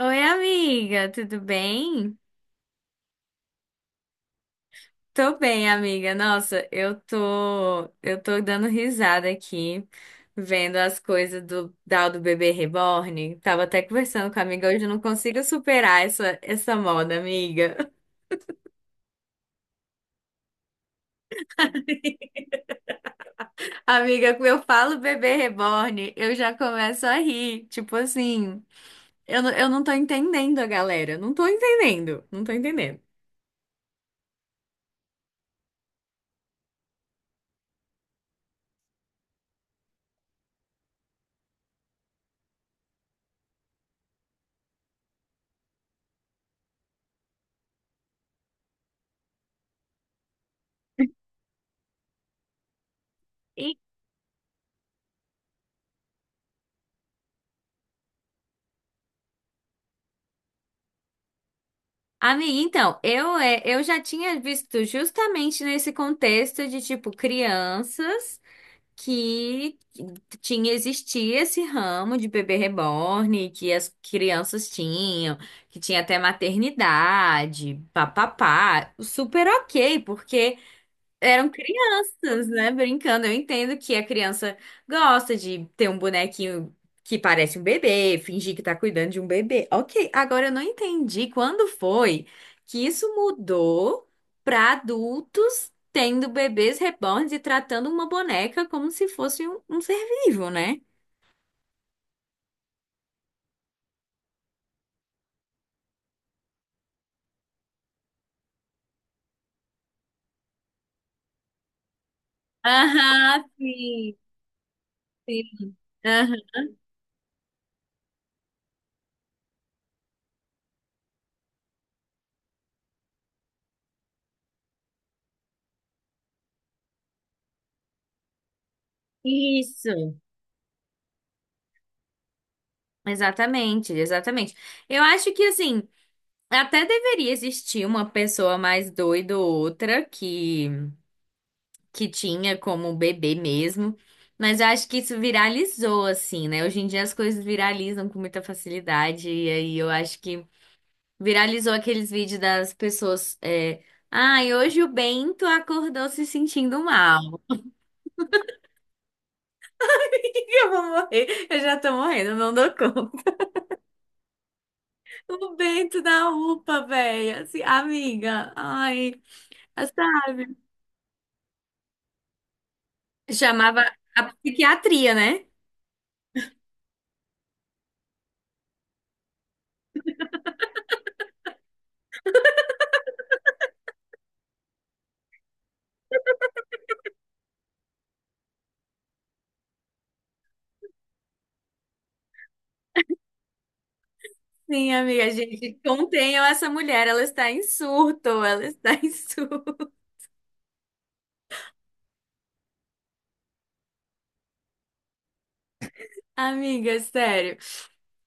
Oi, amiga, tudo bem? Tô bem, amiga. Nossa, eu tô dando risada aqui, vendo as coisas do tal do bebê reborn. Tava até conversando com a amiga hoje, eu não consigo superar essa moda, amiga. Amiga, quando eu falo bebê reborn, eu já começo a rir, tipo assim, eu não tô entendendo a galera, não tô entendendo, não tô entendendo. Amiga, então, eu já tinha visto justamente nesse contexto de, tipo, crianças que tinha, existia esse ramo de bebê reborn, que as crianças tinham, que tinha até maternidade, papapá, super ok, porque eram crianças, né? Brincando. Eu entendo que a criança gosta de ter um bonequinho que parece um bebê, fingir que tá cuidando de um bebê. Ok, agora eu não entendi quando foi que isso mudou pra adultos tendo bebês reborns e tratando uma boneca como se fosse um ser vivo, né? Aham, sim. Sim. Aham. Isso. Exatamente, exatamente. Eu acho que assim. Até deveria existir uma pessoa mais doida ou outra que tinha como bebê mesmo, mas eu acho que isso viralizou assim, né? Hoje em dia as coisas viralizam com muita facilidade, e aí eu acho que viralizou aqueles vídeos das pessoas. É. Ai, hoje o Bento acordou se sentindo mal. Eu vou morrer, eu já tô morrendo, não dou conta. O Bento da UPA, velho, assim, amiga, ai, sabe? Chamava a psiquiatria, né? Sim, amiga, gente, contenham essa mulher, ela está em surto, ela está em surto. Amiga, sério.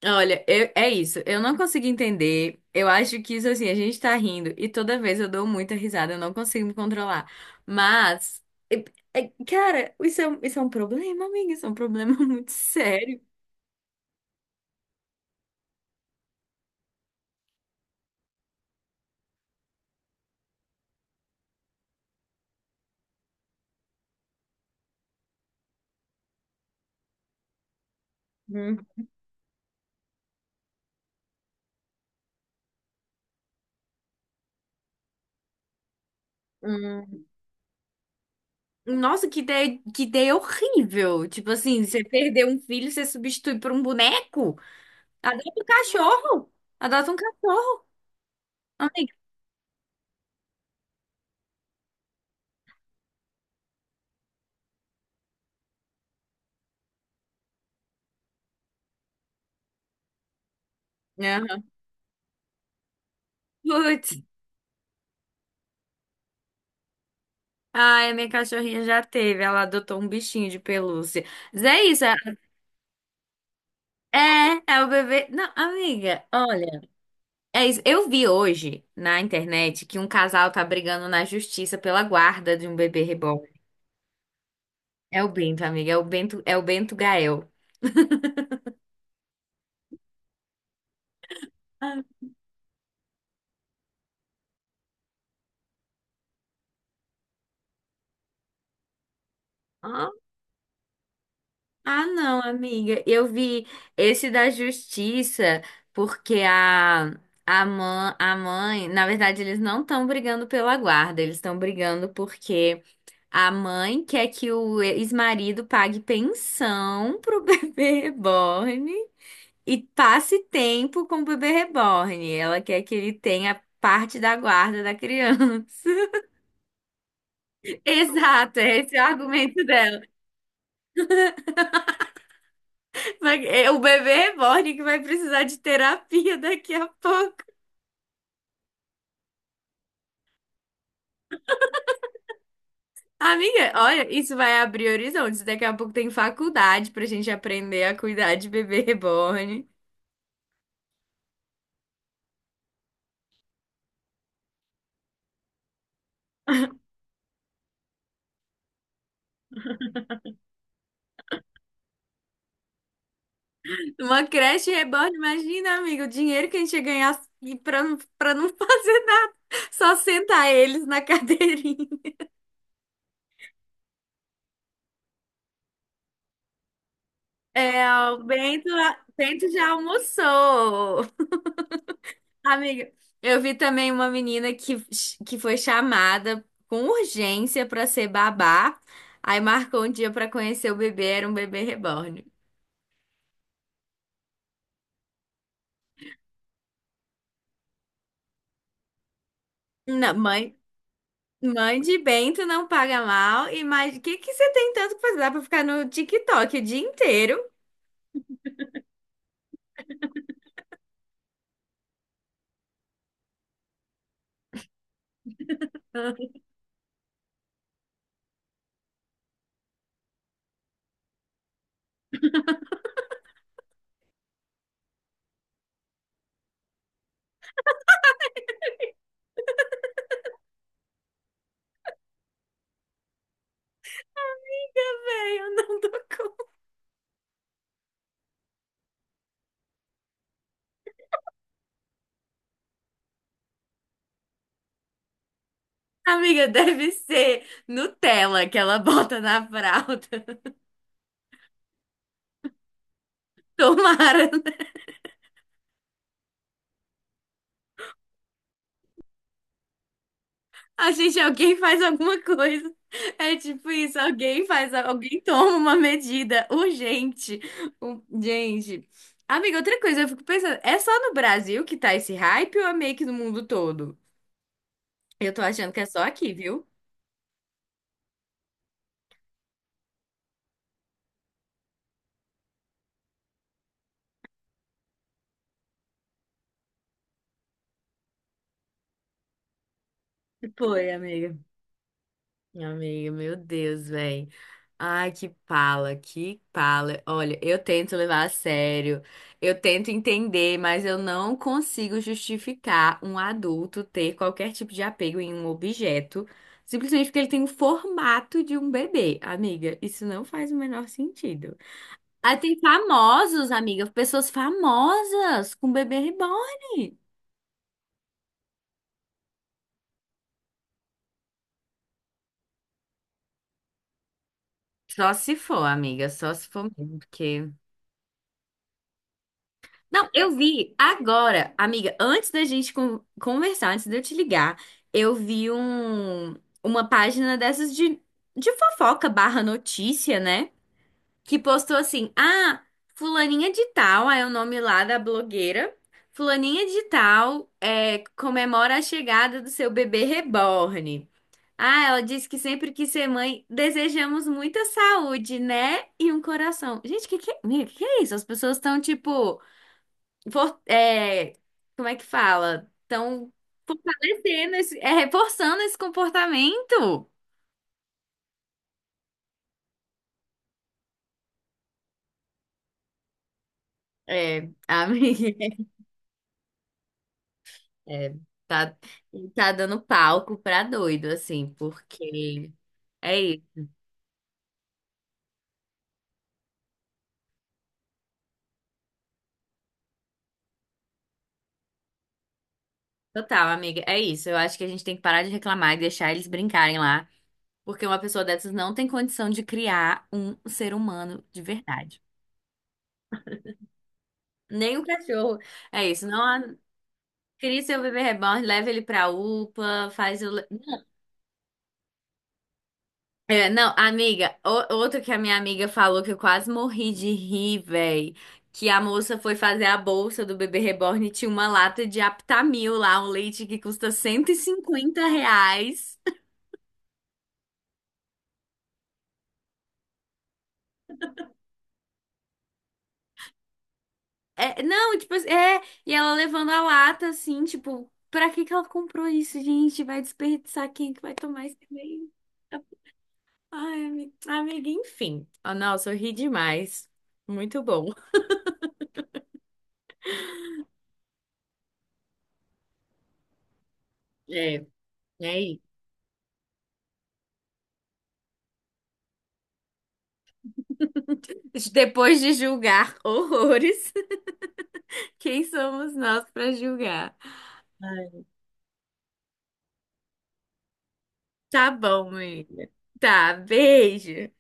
Olha, é isso, eu não consigo entender. Eu acho que isso assim, a gente tá rindo e toda vez eu dou muita risada, eu não consigo me controlar. Mas, é- cara, isso é um problema, amiga, isso é um problema muito sério. Hum, hum. Nossa, que ideia horrível. Tipo assim, você perdeu um filho, você substitui por um boneco? Adota um cachorro. Adota um cachorro. Ai, aham. Putz. Ai, a minha cachorrinha já teve. Ela adotou um bichinho de pelúcia. Mas é isso. É, é o bebê. Não, amiga, olha. É isso. Eu vi hoje na internet que um casal tá brigando na justiça pela guarda de um bebê reborn. É o Bento, amiga. É o Bento Gael. Ah. Ah, não, amiga. Eu vi esse da justiça, porque a mãe, na verdade, eles não estão brigando pela guarda, eles estão brigando porque a mãe quer que o ex-marido pague pensão pro bebê reborn e passe tempo com o bebê reborn. Ela quer que ele tenha parte da guarda da criança. Exato, é esse o argumento dela. É o bebê reborn que vai precisar de terapia daqui a pouco. Amiga, olha, isso vai abrir horizontes. Daqui a pouco tem faculdade pra gente aprender a cuidar de bebê reborn. Uma creche reborn, imagina, amiga, o dinheiro que a gente ia ganhar e pra não fazer nada, só sentar eles na cadeirinha. É, o Bento, Bento já almoçou. Amiga, eu vi também uma menina que foi chamada com urgência pra ser babá. Aí marcou um dia pra conhecer o bebê, era um bebê reborn. Não, mãe, mãe de bento não paga mal. E mais, o que que você tem tanto que fazer? Dá pra ficar no TikTok o dia inteiro? Véi, eu não dou conta. Amiga, deve ser Nutella que ela bota na fralda. Tomara. A gente, alguém faz alguma coisa. É tipo isso, alguém faz, alguém toma uma medida urgente. Gente. Amiga, outra coisa, eu fico pensando, é só no Brasil que tá esse hype ou é meio que no mundo todo? Eu tô achando que é só aqui, viu? Foi, amiga. Amiga, meu Deus, velho. Ai, que pala, que pala. Olha, eu tento levar a sério, eu tento entender, mas eu não consigo justificar um adulto ter qualquer tipo de apego em um objeto, simplesmente porque ele tem o formato de um bebê. Amiga, isso não faz o menor sentido. Aí tem famosos, amiga, pessoas famosas com bebê reborn. Só se for, amiga, só se for mesmo, porque. Não, eu vi agora, amiga, antes conversar, antes de eu te ligar, eu vi um, uma página dessas de fofoca barra notícia, né? Que postou assim, ah, fulaninha de tal, aí é o nome lá da blogueira, fulaninha de tal é, comemora a chegada do seu bebê reborn. Ah, ela disse que sempre quis ser mãe, desejamos muita saúde, né? E um coração. Gente, que, é, amiga, que é isso? As pessoas estão tipo for- é, como é que fala? Estão reforçando esse comportamento. É, amiga, é, tá, tá dando palco pra doido, assim, porque é isso. Total, amiga, é isso. Eu acho que a gente tem que parar de reclamar e deixar eles brincarem lá, porque uma pessoa dessas não tem condição de criar um ser humano de verdade. Nem o cachorro. É isso, não. Há- Cria seu bebê reborn, leva ele pra UPA, faz o É, não, amiga, outro que a minha amiga falou que eu quase morri de rir, véi. Que a moça foi fazer a bolsa do bebê reborn e tinha uma lata de Aptamil lá, um leite que custa R$ 150. É, não, tipo, assim, é, e ela levando a lata assim, tipo, pra que que ela comprou isso, gente? Vai desperdiçar quem é que vai tomar isso também? Ai, amiga, enfim. Ah, nossa, eu ri demais. Muito bom. É, é isso. Depois de julgar horrores. Quem somos nós para julgar? Ai, tá bom, amiga. Tá, beijo.